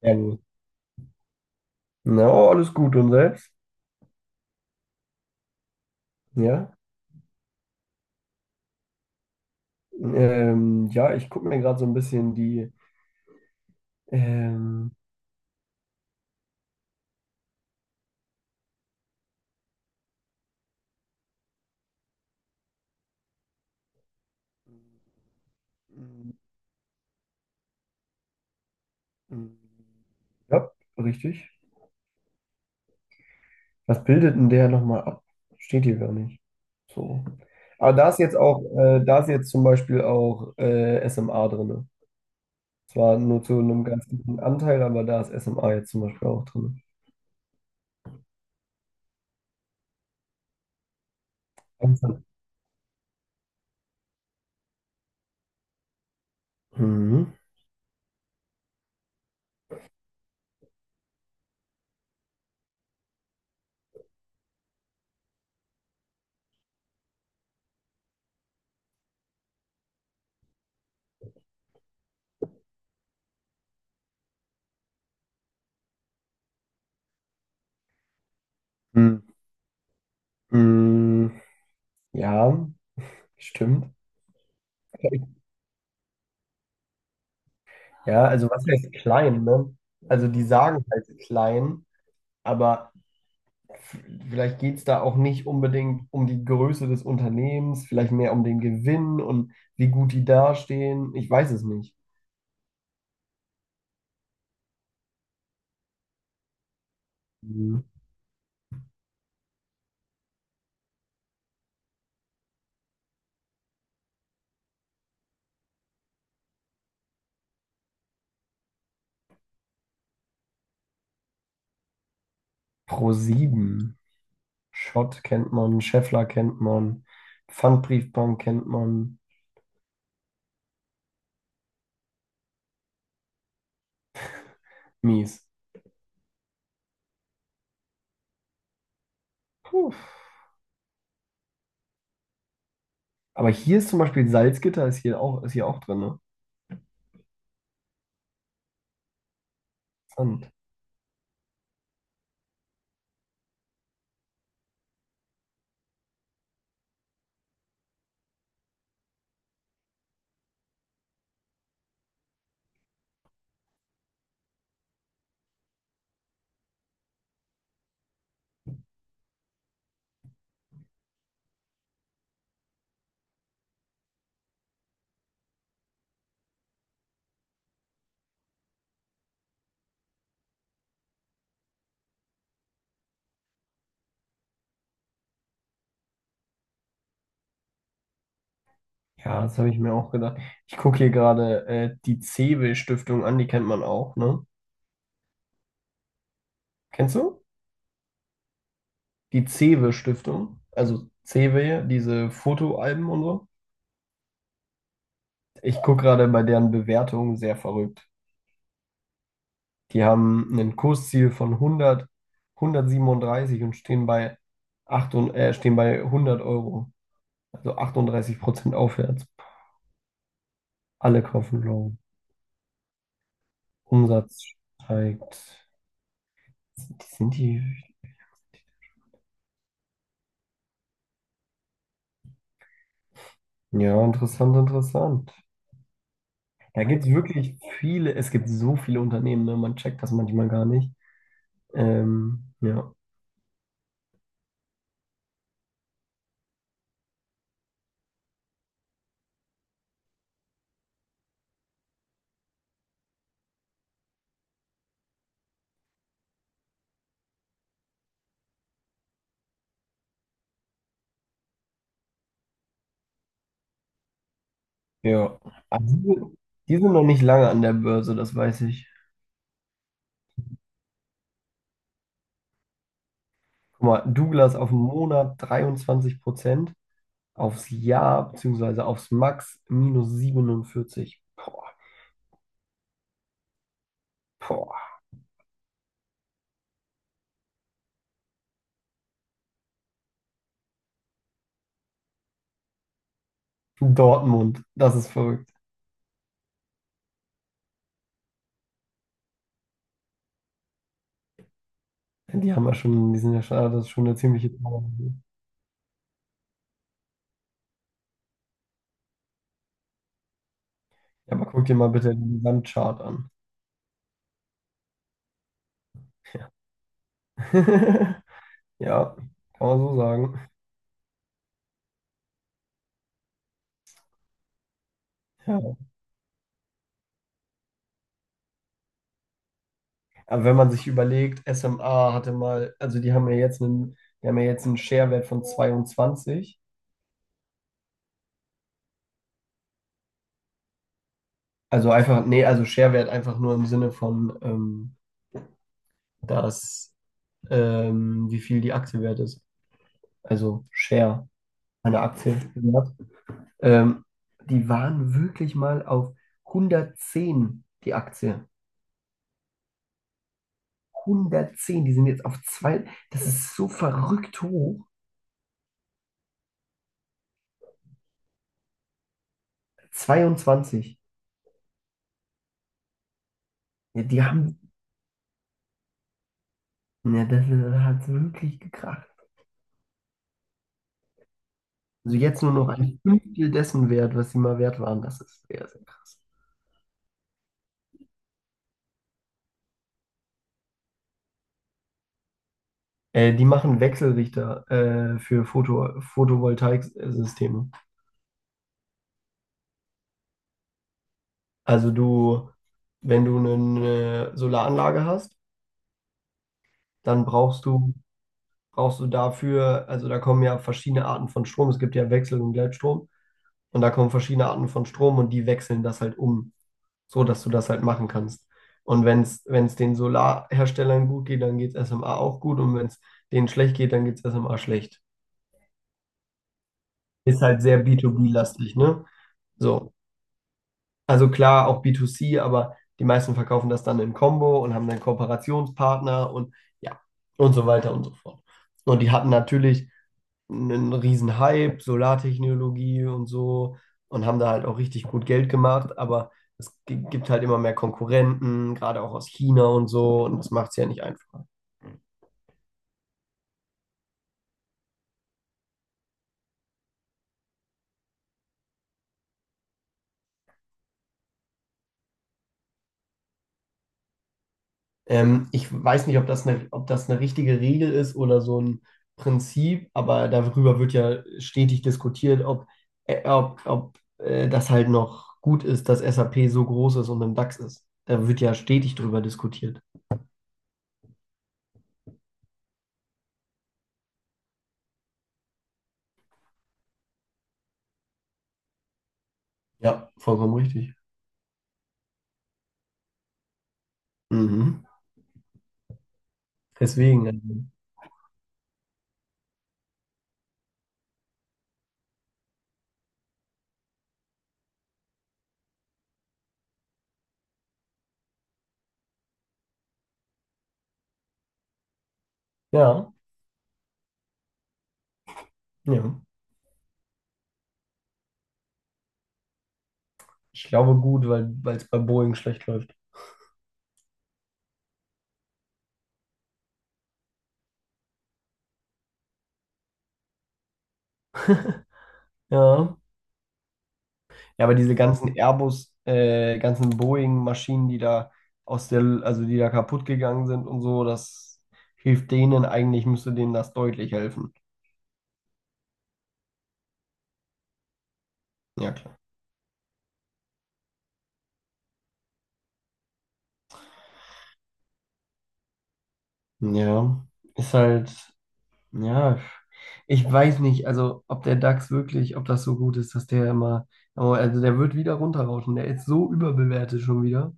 Sehr gut. Na, oh, alles gut und selbst? Ja. Ja, ich gucke mir gerade so ein bisschen die. ähm, ja, richtig. Was bildet denn der nochmal ab? Steht hier gar nicht. So. Aber da ist jetzt auch, da ist jetzt zum Beispiel auch SMA drin. Zwar nur zu einem ganz guten Anteil, aber da ist SMA jetzt zum Beispiel auch drin. Mhm. Mhm. Mhm. Ja, stimmt. Ja, also was heißt klein, ne? Also die sagen halt klein, aber f- vielleicht geht es da auch nicht unbedingt um die Größe des Unternehmens, vielleicht mehr um den Gewinn und wie gut die dastehen. Ich weiß es nicht. Mhm. ProSieben. Schott kennt man, Schaeffler kennt man, Pfandbriefbank kennt man. Mies. Puh. Aber hier ist zum Beispiel Salzgitter ist hier auch drin, ne? Interessant. Ja, das habe ich mir auch gedacht. Ich gucke hier gerade die Cewe-Stiftung an, die kennt man auch, ne? Kennst du? Die Cewe-Stiftung, also Cewe, diese Fotoalben und so. Ich gucke gerade bei deren Bewertungen sehr verrückt. Die haben ein Kursziel von 137 und stehen bei 100 Euro. Also 38% aufwärts. Alle kaufen low. Umsatz steigt. Sind die? Ja, interessant, interessant. Da gibt es wirklich viele, es gibt so viele Unternehmen, ne? Man checkt das manchmal gar nicht. Ja. Ja. Aber die sind noch nicht lange an der Börse, das weiß ich. Guck mal, Douglas auf den Monat 23%, aufs Jahr beziehungsweise aufs Max minus 47. Boah, boah. Dortmund, das ist verrückt. Die haben ja schon, die sind ja schon, ah, das ist schon eine ziemliche Power. Ja, aber guck dir mal bitte den Gesamtchart an. Ja, ja, kann man so sagen. Ja. Aber wenn man sich überlegt, SMA hatte mal, also die haben ja jetzt einen, die haben ja jetzt einen Sharewert von 22. Also einfach, nee, also Sharewert einfach nur im Sinne von, dass, wie viel die Aktie wert ist. Also Share eine Aktie wert. Ähm, die waren wirklich mal auf 110 die Aktie. 110, die sind jetzt auf zwei, das ist so verrückt hoch. 22. Ja, die haben, ja, das hat wirklich gekracht. Also jetzt nur noch ein Fünftel dessen wert, was sie mal wert waren. Das ist sehr, sehr krass. Die machen Wechselrichter für Photovoltaiksysteme. Also du, wenn du eine Solaranlage hast, dann brauchst du dafür, also da kommen ja verschiedene Arten von Strom. Es gibt ja Wechsel- und Gleitstrom. Und da kommen verschiedene Arten von Strom und die wechseln das halt um, so dass du das halt machen kannst. Und wenn es den Solarherstellern gut geht, dann geht es SMA auch gut. Und wenn es denen schlecht geht, dann geht es SMA schlecht. Ist halt sehr B2B-lastig, ne? So. Also klar, auch B2C, aber die meisten verkaufen das dann in Combo und haben dann Kooperationspartner und ja, und so weiter und so fort. Und die hatten natürlich einen riesen Hype, Solartechnologie und so und haben da halt auch richtig gut Geld gemacht, aber gibt halt immer mehr Konkurrenten, gerade auch aus China und so und das macht es ja nicht einfacher. Ich weiß nicht, ob das eine richtige Regel ist oder so ein Prinzip, aber darüber wird ja stetig diskutiert, ob, das halt noch gut ist, dass SAP so groß ist und im DAX ist. Da wird ja stetig drüber diskutiert. Ja, vollkommen richtig. Mhm. Deswegen, also, ja. Ja. Ich glaube gut, weil es bei Boeing schlecht läuft. Ja. Ja, aber diese ganzen Airbus, ganzen Boeing-Maschinen, die da aus der, also die da kaputt gegangen sind und so, das hilft denen eigentlich, müsste denen das deutlich helfen. Ja, klar. Ja, ist halt, ja, ich weiß nicht, also ob der DAX wirklich, ob das so gut ist, dass der immer, aber also der wird wieder runterrauschen, der ist so überbewertet schon wieder.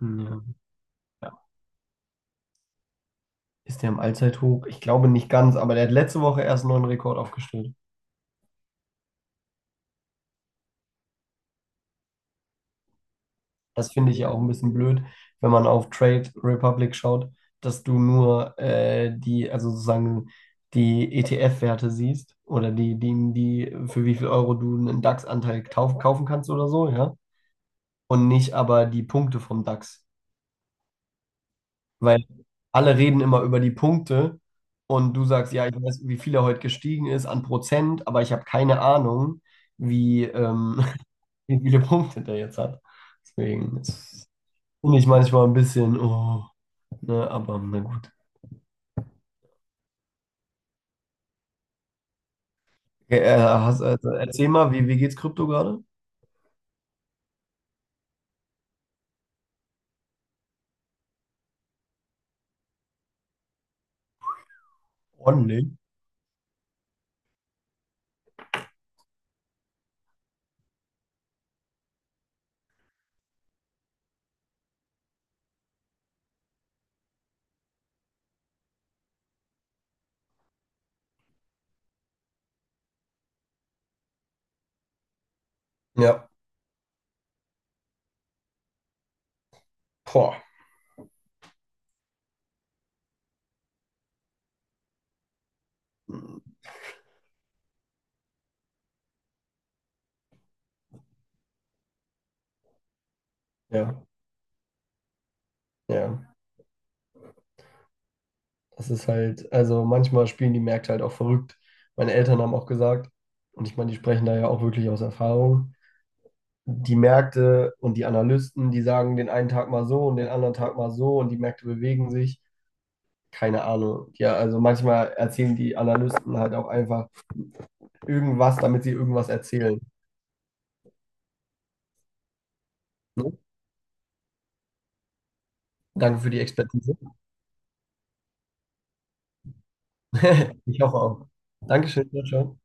Ja. Ist der im Allzeithoch? Ich glaube nicht ganz, aber der hat letzte Woche erst einen neuen Rekord aufgestellt. Das finde ich ja auch ein bisschen blöd, wenn man auf Trade Republic schaut, dass du nur die, also sozusagen die ETF-Werte siehst oder die, für wie viel Euro du einen DAX-Anteil kaufen kannst oder so, ja. Und nicht aber die Punkte vom DAX. Weil alle reden immer über die Punkte und du sagst, ja, ich weiß, wie viel er heute gestiegen ist an Prozent, aber ich habe keine Ahnung wie ähm, wie viele Punkte der jetzt hat. Deswegen finde ich manchmal ein bisschen, oh, ne, aber na gut. Okay, erzähl mal, wie geht's Krypto gerade? Ordentlich. Ja, boah. Ja, ja. Das ist halt, also manchmal spielen die Märkte halt auch verrückt. Meine Eltern haben auch gesagt, und ich meine, die sprechen da ja auch wirklich aus Erfahrung. Die Märkte und die Analysten, die sagen den einen Tag mal so und den anderen Tag mal so und die Märkte bewegen sich. Keine Ahnung. Ja, also manchmal erzählen die Analysten halt auch einfach irgendwas, damit sie irgendwas erzählen. Ne? Danke für die Expertise. Ich hoffe auch. Dankeschön, ciao. Ciao.